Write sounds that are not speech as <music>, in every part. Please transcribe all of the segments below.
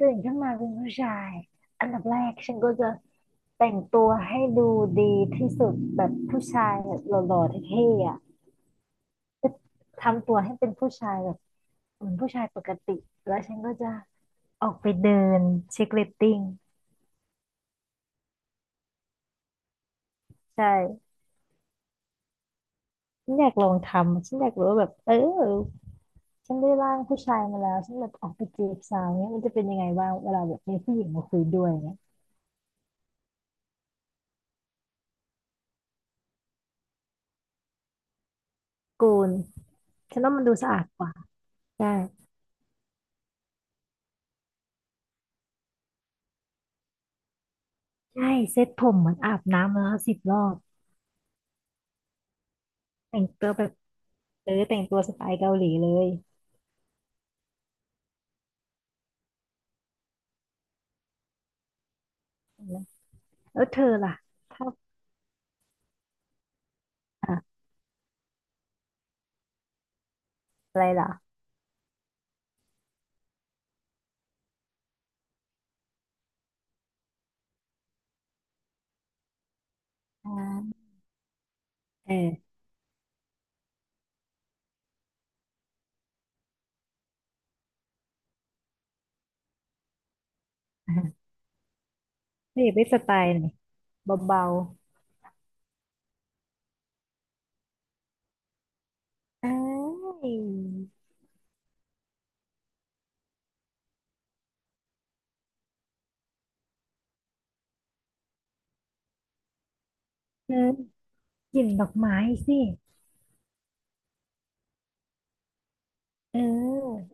ตื่นขึ้นมาเป็นผู้ชายอันดับแรกฉันก็จะแต่งตัวให้ดูดีที่สุดแบบผู้ชายแบบหล่อๆเท่ๆอ่ะจะทำตัวให้เป็นผู้ชายแบบเหมือนผู้ชายปกติแล้วฉันก็จะออกไปเดินเช็คเรตติ้งใช่ฉันอยากลองทำฉันอยากรู้ว่าแบบฉันได้ร่างผู้ชายมาแล้วฉันแบบออกไปจีบสาวเนี้ยมันจะเป็นยังไงบ้างเวลาแบบมีผู้หญิงมาคุยด้วยเนี้ยกูนฉันว่ามันดูสะอาดกว่าใช่ใช่เซ็ตผมเหมือนอาบน้ำมาแล้ว10 รอบ แต่งตัวแบบเออแต่งตัวสไตล์เกาหลีเลยนะแล้วเธอล่ะชอบอ่ะอะไรล่ะอ่าเอออ่ะไม่อยากได้สไตล์ไหนเบาๆเอ้ายเธอกลิ่นดอกไม้สิเออ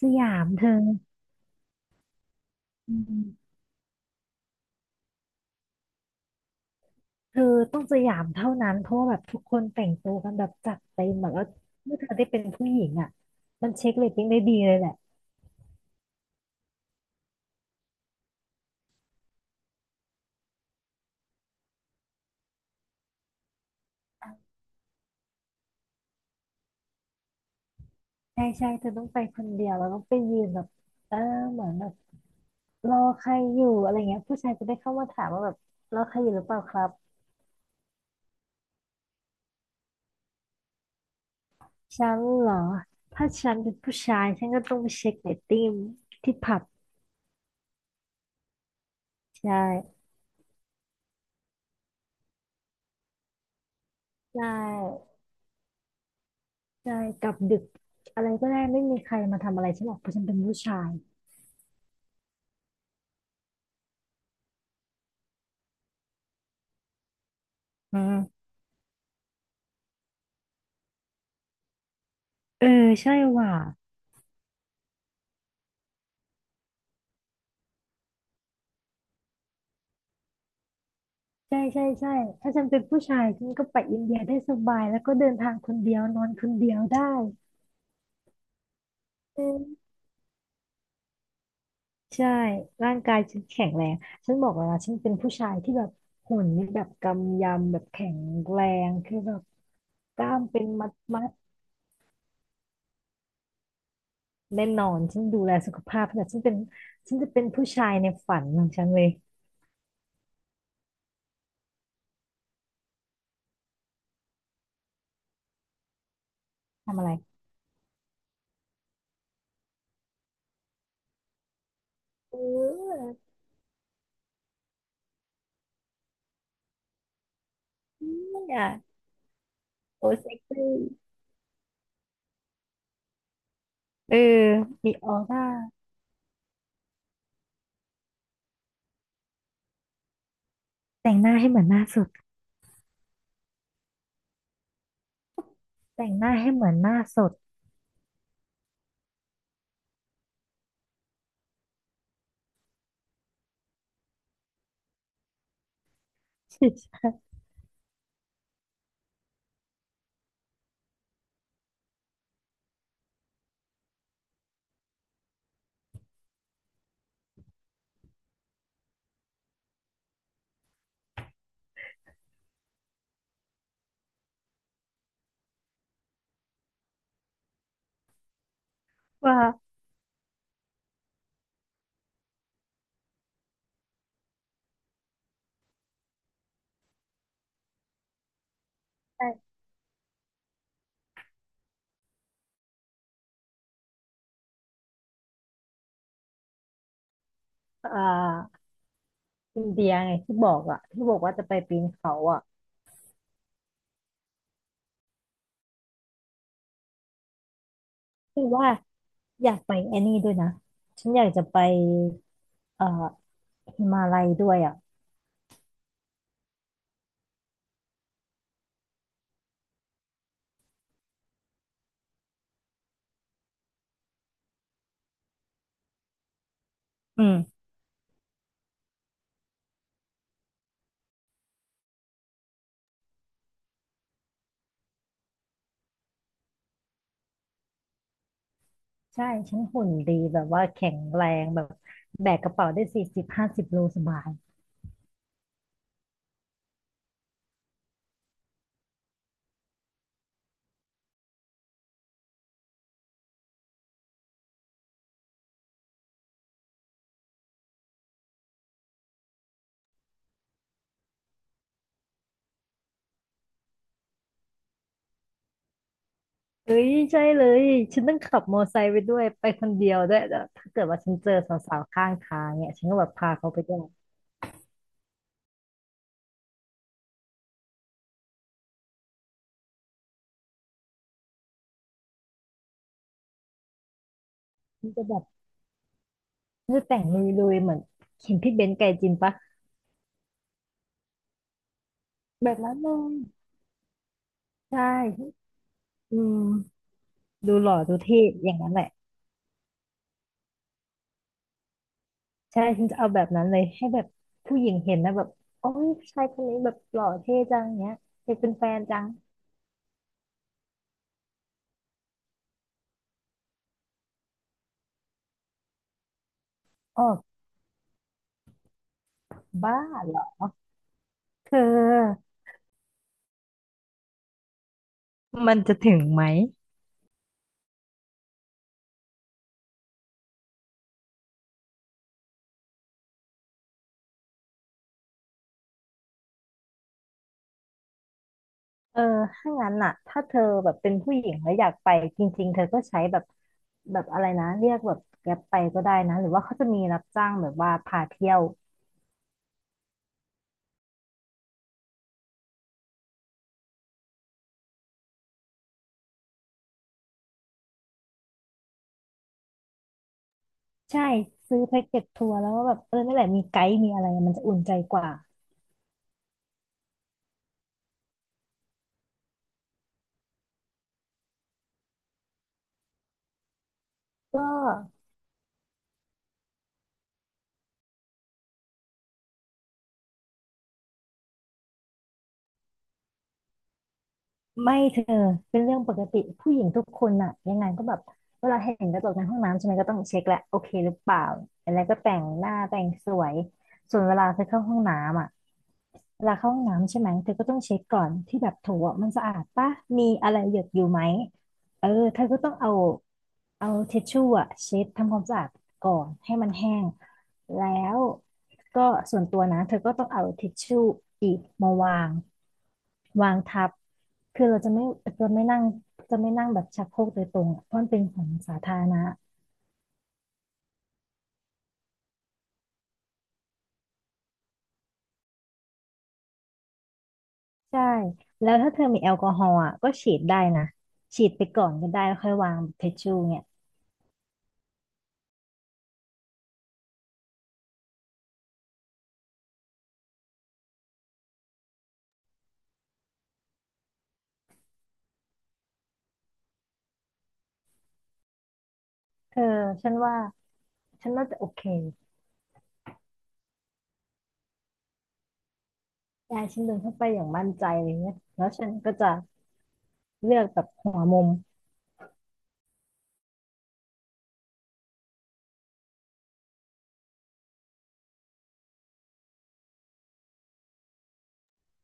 สยามเธออืมเธอต้องสยามเท่านั้นเพราะว่าแบบทุกคนแต่งตัวกันแบบจัดเต็มแบบแล้วเมื่อเธอได้เป็นผู้หญิงอ่ะมันเช็คเรตติ้งได้ดีเลยแหละใช่ใช่เธอต้องไปคนเดียวแล้วต้องไปยืนแบบเออเหมือนแบบ รอใครอยู่อะไรเงี้ยผู้ชายจะได้เข้ามาถามว่าแบบรอใครอยู่หรือเปล่าครับฉันเหรอถ้าฉันเป็นผู้ชายฉันก็ต้องไปเช็คเรตติ้งที่ผับใช่ใช่ใช่กลับดึกอะไรก็ได้ไม่มีใครมาทำอะไรฉันหรอกเพราะฉันเป็นผู้ชายอืมเออใช่ว่ะใช่ใช่ใช่ถ้าฉันเป็นผู้ชายฉันก็ไปอินเดียได้สบายแล้วก็เดินทางคนเดียวนอนคนเดียวได้ ใช่ ร่างกายฉันแข็งแรง ฉันบอกแล้วนะฉันเป็นผู้ชายที่แบบหุ่นนี่แบบกำยำแบบแข็งแรงคือแบบกล้ามเป็นมัดมัดแน่นอน ฉันดูแลสุขภาพแบบฉันเป็นฉันจะเป็นผู้ชายในฝันของฉันเลยทำอะไรเออเนี่ยโอ้เซ็กซี่เออมีออร่าแต่งหน้าให้เหมือนหน้าสดแต่งหน้าให้เหมือนหน้าสด <laughs> ว่าแต่อ่าอินเดียไงที่บอกอ่ะที่บอกว่าจะไปปีนเขาอ่ะคือว่า อยากไปไอ้นี่ด้วยนะฉันอยากจะไปเอ่อฮิมาลัยด้วยอ่ะอืมใช่ฉันหุ่นดีแบบว่าแข็งแรงแบบแบกกระเป๋าได้40-50 โลสบายเอ้ยใช่เลยฉันต้องขับมอไซค์ไปด้วยไปคนเดียวด้วยแล้วถ้าเกิดว่าฉันเจอสาวๆข้างทางเนี่ยฉันก็แบบพาเขาไปด้วยฉันจะแบบฉันจะแต่งลุยๆเหมือนเห็นพี่เบนซ์ไกจินปะแบบนั้นเลยใช่อืมดูหล่อดูเท่อย่างนั้นแหละ ใช่ฉันจะเอาแบบนั้นเลยให้แบบผู้หญิงเห็นนะแบบโอ้ยผู้ชายคนนี้แบบหล่อเท่จังเนี้ยอยากเป็นแฟนจังอ๋อบ้าเหรอเธอมันจะถึงไหมเออถ้างั้นน่ะถ้าเธอแบบเป็นผู้หญิงแล้วอยากไปจริงๆเธอก็ใช้แบบแบบอะไรนะเรียกแบบแกร็บไปก็ได้นะหรือว่าเขาจะมีรับจ้างแบบว่าพาเที่ยวใช่ซื้อแพ็กเกจทัวร์แล้วก็แบบเออนั่นแหละมีไกด์มีอะไรมันจะอุ่นใจกว่าก็ ไม่เธอเป็นเรื่องปกติผู้หญิงทุกคนอะยังไงก็แบบเวลาเห็นกระจกในห้องน้ำใช่ไหมก็ต้องเช็คแหละโอเคหรือเปล่าอะไรก็แต่งหน้าแต่งสวยส่วนเวลาเธอเข้าห้องน้ำอะเวลาเข้าห้องน้ำใช่ไหมเธอก็ต้องเช็คก่อนที่แบบโถอะมันสะอาดปะมีอะไรหยดอยู่ไหมเออเธอก็ต้องเอาเอาทิชชู่อะเช็ดทำความสะอาดก่อนให้มันแห้งแล้วก็ส่วนตัวนะเธอก็ต้องเอาทิชชู่อีกมาวาง วางทับคือเราจะไม่นั่งจะไม่นั่งแบบชักโครกโดยตรงอะเพราะมันเป็นของสาธารณะใช่ แล้วถ้าเธอมีแอลกอฮอล์อะก็ฉีดได้นะ ฉีดไปก่อนก็ได้แล้วค่อยวางเทชชูเนี่ยเธอฉันว่าฉันน่าจะโอเคยายฉันเดินเข้าไปอย่างมั่นใจเลยเนี่ยแล้วฉันก็จะเลือกแบบหัวมุม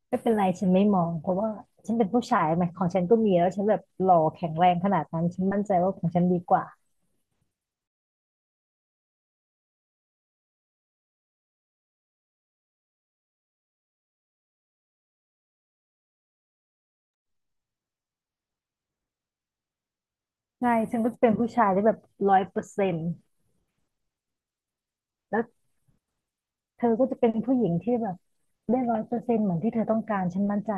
ไม่เป็นไรฉันไม่มองเพราะว่าฉันเป็นผู้ชายไหมของฉันก็มีแล้วฉันแบบหล่อแข็งแรงขนาดนั้นฉันมั่นใจว่าของฉันดีกว่าใช่ฉันก็จะเป็นผู้ชายได้แบบร้อยเปอร์เซ็นต์แล้ว เธอก็จะเป็นผู้หญิงที่แบบได้ร้อยเปอร์เซ็นต์เหมือนที่เธอต้องการฉันมั่นใจ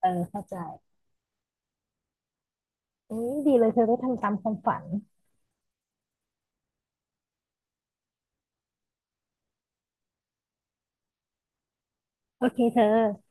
เออเข้าใจอุ้ยดีเลยเธอได้ทำตามความฝันโอเคเธอ